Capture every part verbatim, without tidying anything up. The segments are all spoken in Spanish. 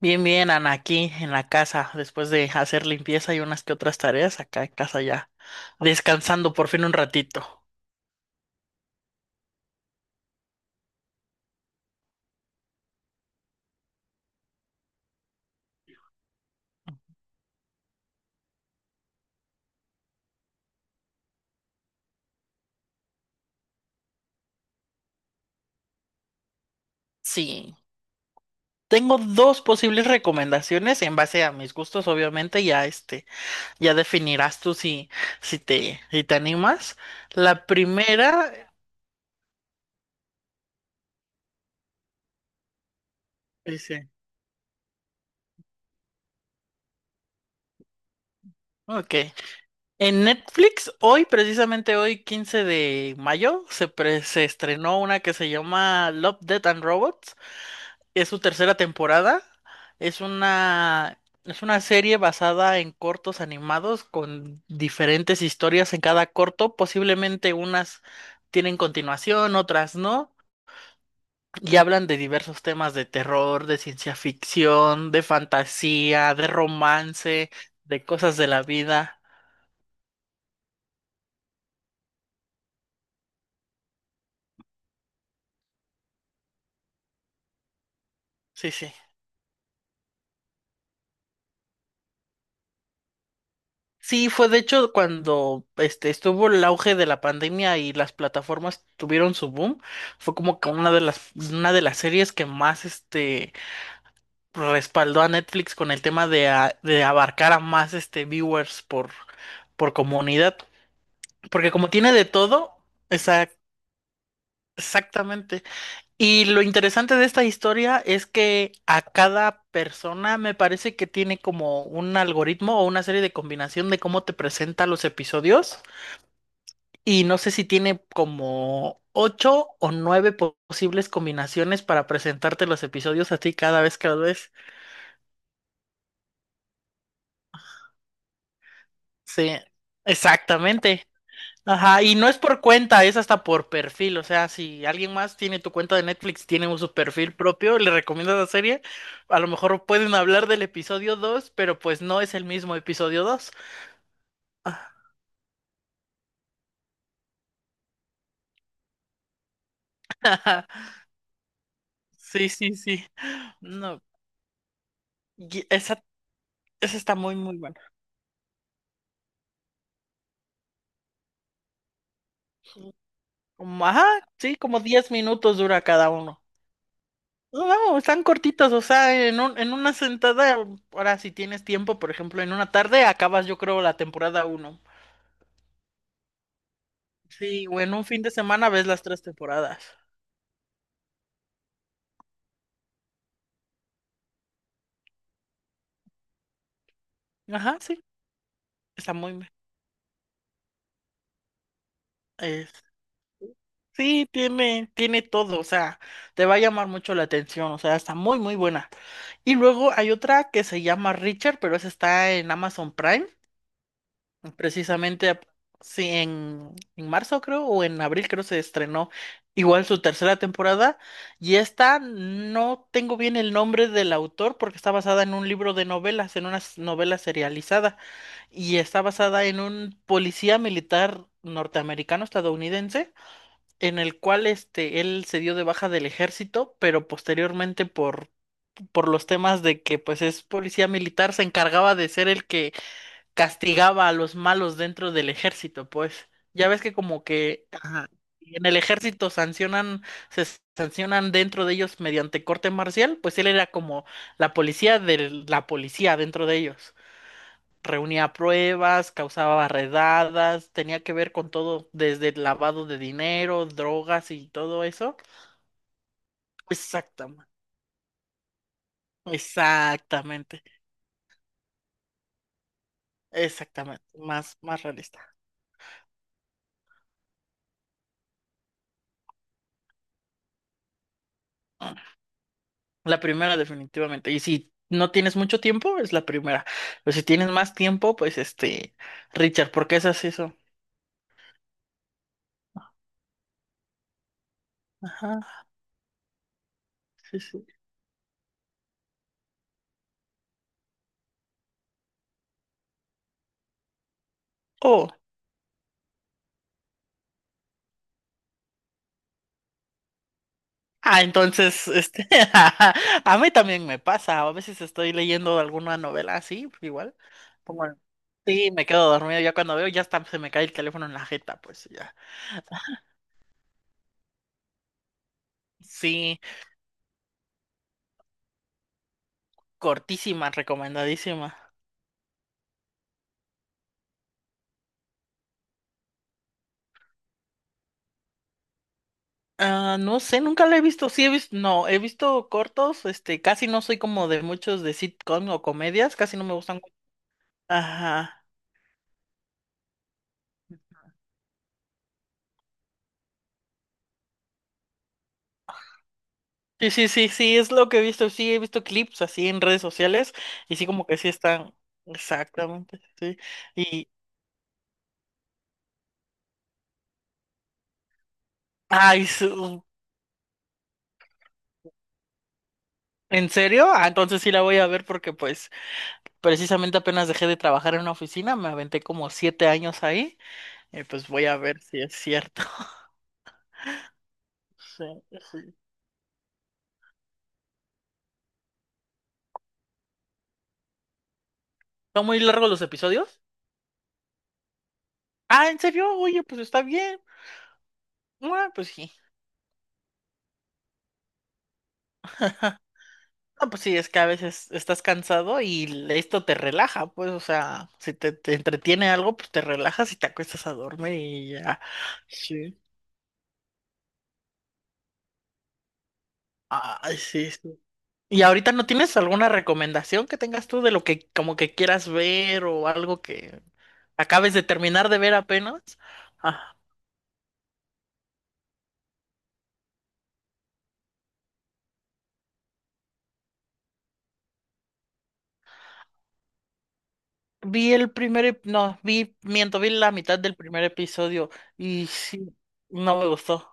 Bien, bien, Ana, aquí en la casa, después de hacer limpieza y unas que otras tareas, acá en casa ya, descansando por fin un ratito. Sí, tengo dos posibles recomendaciones en base a mis gustos, obviamente, ya este, ya definirás tú si, si te, si te animas. La primera, dice, ok, en Netflix, hoy, precisamente hoy, quince de mayo, se, pre- se estrenó una que se llama Love, Death and Robots. Es su tercera temporada. Es una, es una serie basada en cortos animados con diferentes historias en cada corto. Posiblemente unas tienen continuación, otras no. Y hablan de diversos temas de terror, de ciencia ficción, de fantasía, de romance, de cosas de la vida. Sí, sí. Sí, fue de hecho cuando este estuvo el auge de la pandemia y las plataformas tuvieron su boom, fue como que una de las una de las series que más este respaldó a Netflix con el tema de, a- de abarcar a más este viewers por por comunidad, porque como tiene de todo, exac- exactamente. Y lo interesante de esta historia es que a cada persona me parece que tiene como un algoritmo o una serie de combinación de cómo te presenta los episodios. Y no sé si tiene como ocho o nueve po- posibles combinaciones para presentarte los episodios a ti cada vez que los ves. Sí, exactamente. Ajá, y no es por cuenta, es hasta por perfil. O sea, si alguien más tiene tu cuenta de Netflix, tiene un- su perfil propio, le recomiendas la serie, a lo mejor pueden hablar del episodio dos pero pues no es el mismo episodio dos. Sí, sí, sí. No, y esa, esa está muy, muy buena. Como, ajá, sí, como diez minutos dura cada uno. No, no, están cortitos, o sea, en un, en una sentada, ahora si tienes tiempo, por ejemplo, en una tarde acabas yo creo la temporada uno. Sí, o en un fin de semana ves las tres temporadas. Ajá, sí, está muy bien. es- sí, tiene, tiene todo, o sea, te va a llamar mucho la atención, o sea, está muy, muy buena. Y luego hay otra que se llama Richard, pero esa está en Amazon Prime. Precisamente, ap- sí, en, en marzo creo, o en abril creo se estrenó igual su tercera temporada. Y esta no tengo bien el nombre del autor porque está basada en un libro de novelas, en una s- novela serializada. Y está basada en un policía militar norteamericano estadounidense, en el cual este, él se dio de baja del ejército, pero posteriormente por, por los temas de que pues es policía militar, se encargaba de ser el que castigaba a los malos dentro del ejército, pues. Ya ves que como que ajá, en el ejército sancionan, se sancionan dentro de ellos mediante corte marcial, pues él era como la policía de la policía dentro de ellos. Reunía pruebas, causaba redadas, tenía que ver con todo, desde el lavado de dinero, drogas y todo eso. Exactamente, exactamente, exactamente, más, más realista. La primera, definitivamente. Y si no tienes mucho tiempo, es la primera. Pero si tienes más tiempo, pues este, Richard, ¿por qué haces eso? Ajá, sí, sí. Oh. Ah, entonces, este, a mí también me pasa. A veces estoy leyendo alguna novela así, igual. Pongo el- Sí, me quedo dormido. Ya cuando veo, ya está, se me cae el teléfono en la jeta, pues ya. Sí, cortísima, recomendadísima. Ah, no sé, nunca la he visto. Sí he visto, no, he visto cortos, este, casi no soy como de muchos de sitcom o comedias, casi no me gustan. Ajá. Sí, sí, sí, sí, es lo que he visto. Sí, he visto clips así en redes sociales y sí como que sí están exactamente, sí. Y ay, su- ¿en serio? Ah, entonces sí la voy a ver porque pues precisamente apenas dejé de trabajar en una oficina, me aventé como siete años ahí, y pues voy a ver si es cierto. Sí, sí. ¿Son muy largos los episodios? Ah, ¿en serio? Oye, pues está bien. Ah, pues sí. Ah, pues sí, es que a veces estás cansado y esto te relaja, pues, o sea, si te, te entretiene algo, pues te relajas y te acuestas a dormir y ya. Sí. Ay, sí, sí. ¿Y ahorita no tienes alguna recomendación que tengas tú de lo que como que quieras ver o algo que acabes de terminar de ver apenas? Ah, vi el primer, ep- no, vi, miento, vi la mitad del primer episodio y sí, no me gustó.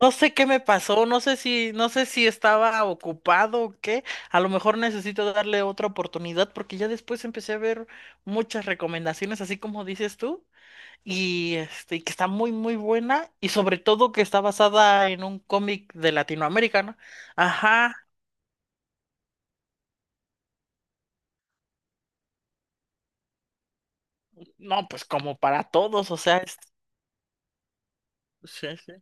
No sé qué me pasó, no sé si, no sé si estaba ocupado o qué. A lo mejor necesito darle otra oportunidad porque ya después empecé a ver muchas recomendaciones, así como dices tú, y este, y que está muy, muy buena y sobre todo que está basada en un cómic de Latinoamérica, ¿no? Ajá, no, pues como para todos, o sea, es- sí, sí.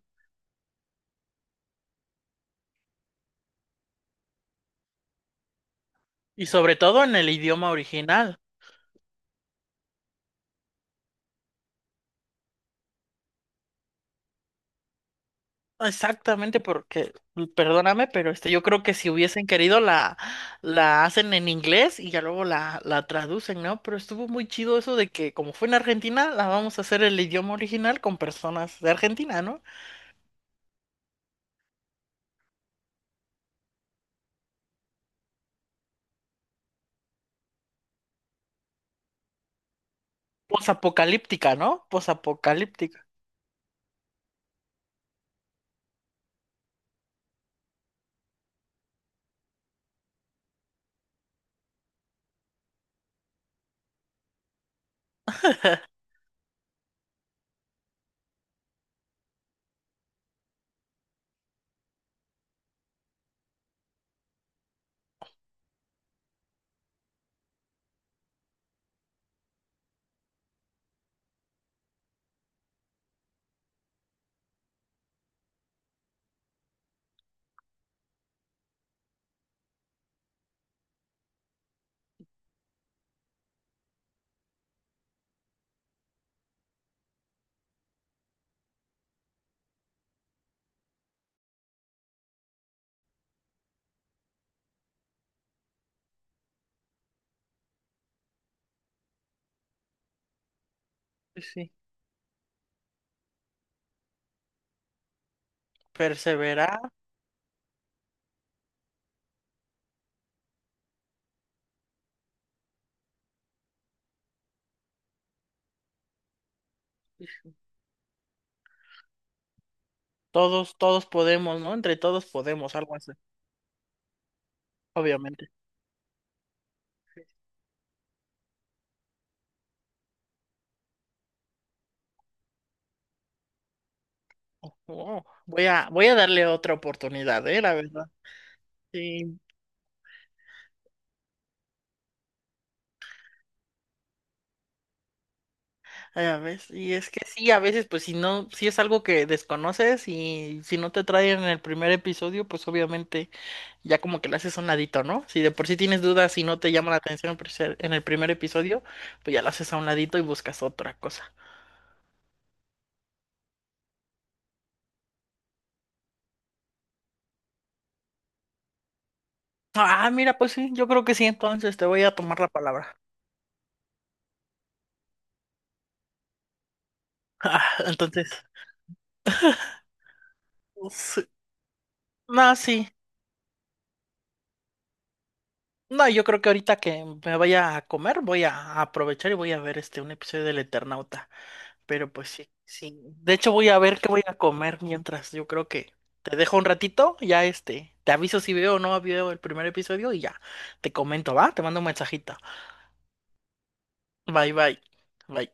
Y sobre todo en el idioma original. Exactamente, porque, mm, perdóname, pero este, yo creo que si hubiesen querido la, la hacen en inglés y ya luego la, la traducen, ¿no? Pero estuvo muy chido eso de que como fue en Argentina, la vamos a hacer el idioma original con personas de Argentina, ¿no? Posapocalíptica, ¿no? Posapocalíptica. Sí, sí. Perseverar. Sí, sí. Todos, todos podemos, ¿no? Entre todos podemos, algo así, obviamente. Oh, wow. Voy a, voy a darle otra oportunidad, ¿eh? La verdad. Sí. Ya ves, y es que sí, a veces, pues si no, si es algo que desconoces y si no te traen en el primer episodio, pues obviamente ya como que le haces a un ladito, ¿no? Si de por sí tienes dudas y no te llama la atención en pres- en el primer episodio, pues ya lo haces a un ladito y buscas otra cosa. Ah, mira, pues sí, yo creo que sí, entonces te voy a tomar la palabra. Entonces, sí. No, sí, no, yo creo que ahorita que me vaya a comer, voy a aprovechar y voy a ver este un episodio del Eternauta. Pero pues sí, sí. De hecho, voy a ver qué voy a comer mientras. Yo creo que te dejo un ratito, ya este. Te aviso si veo o no veo el primer episodio y ya. Te comento, ¿va? Te mando un mensajito. Bye, bye. Bye.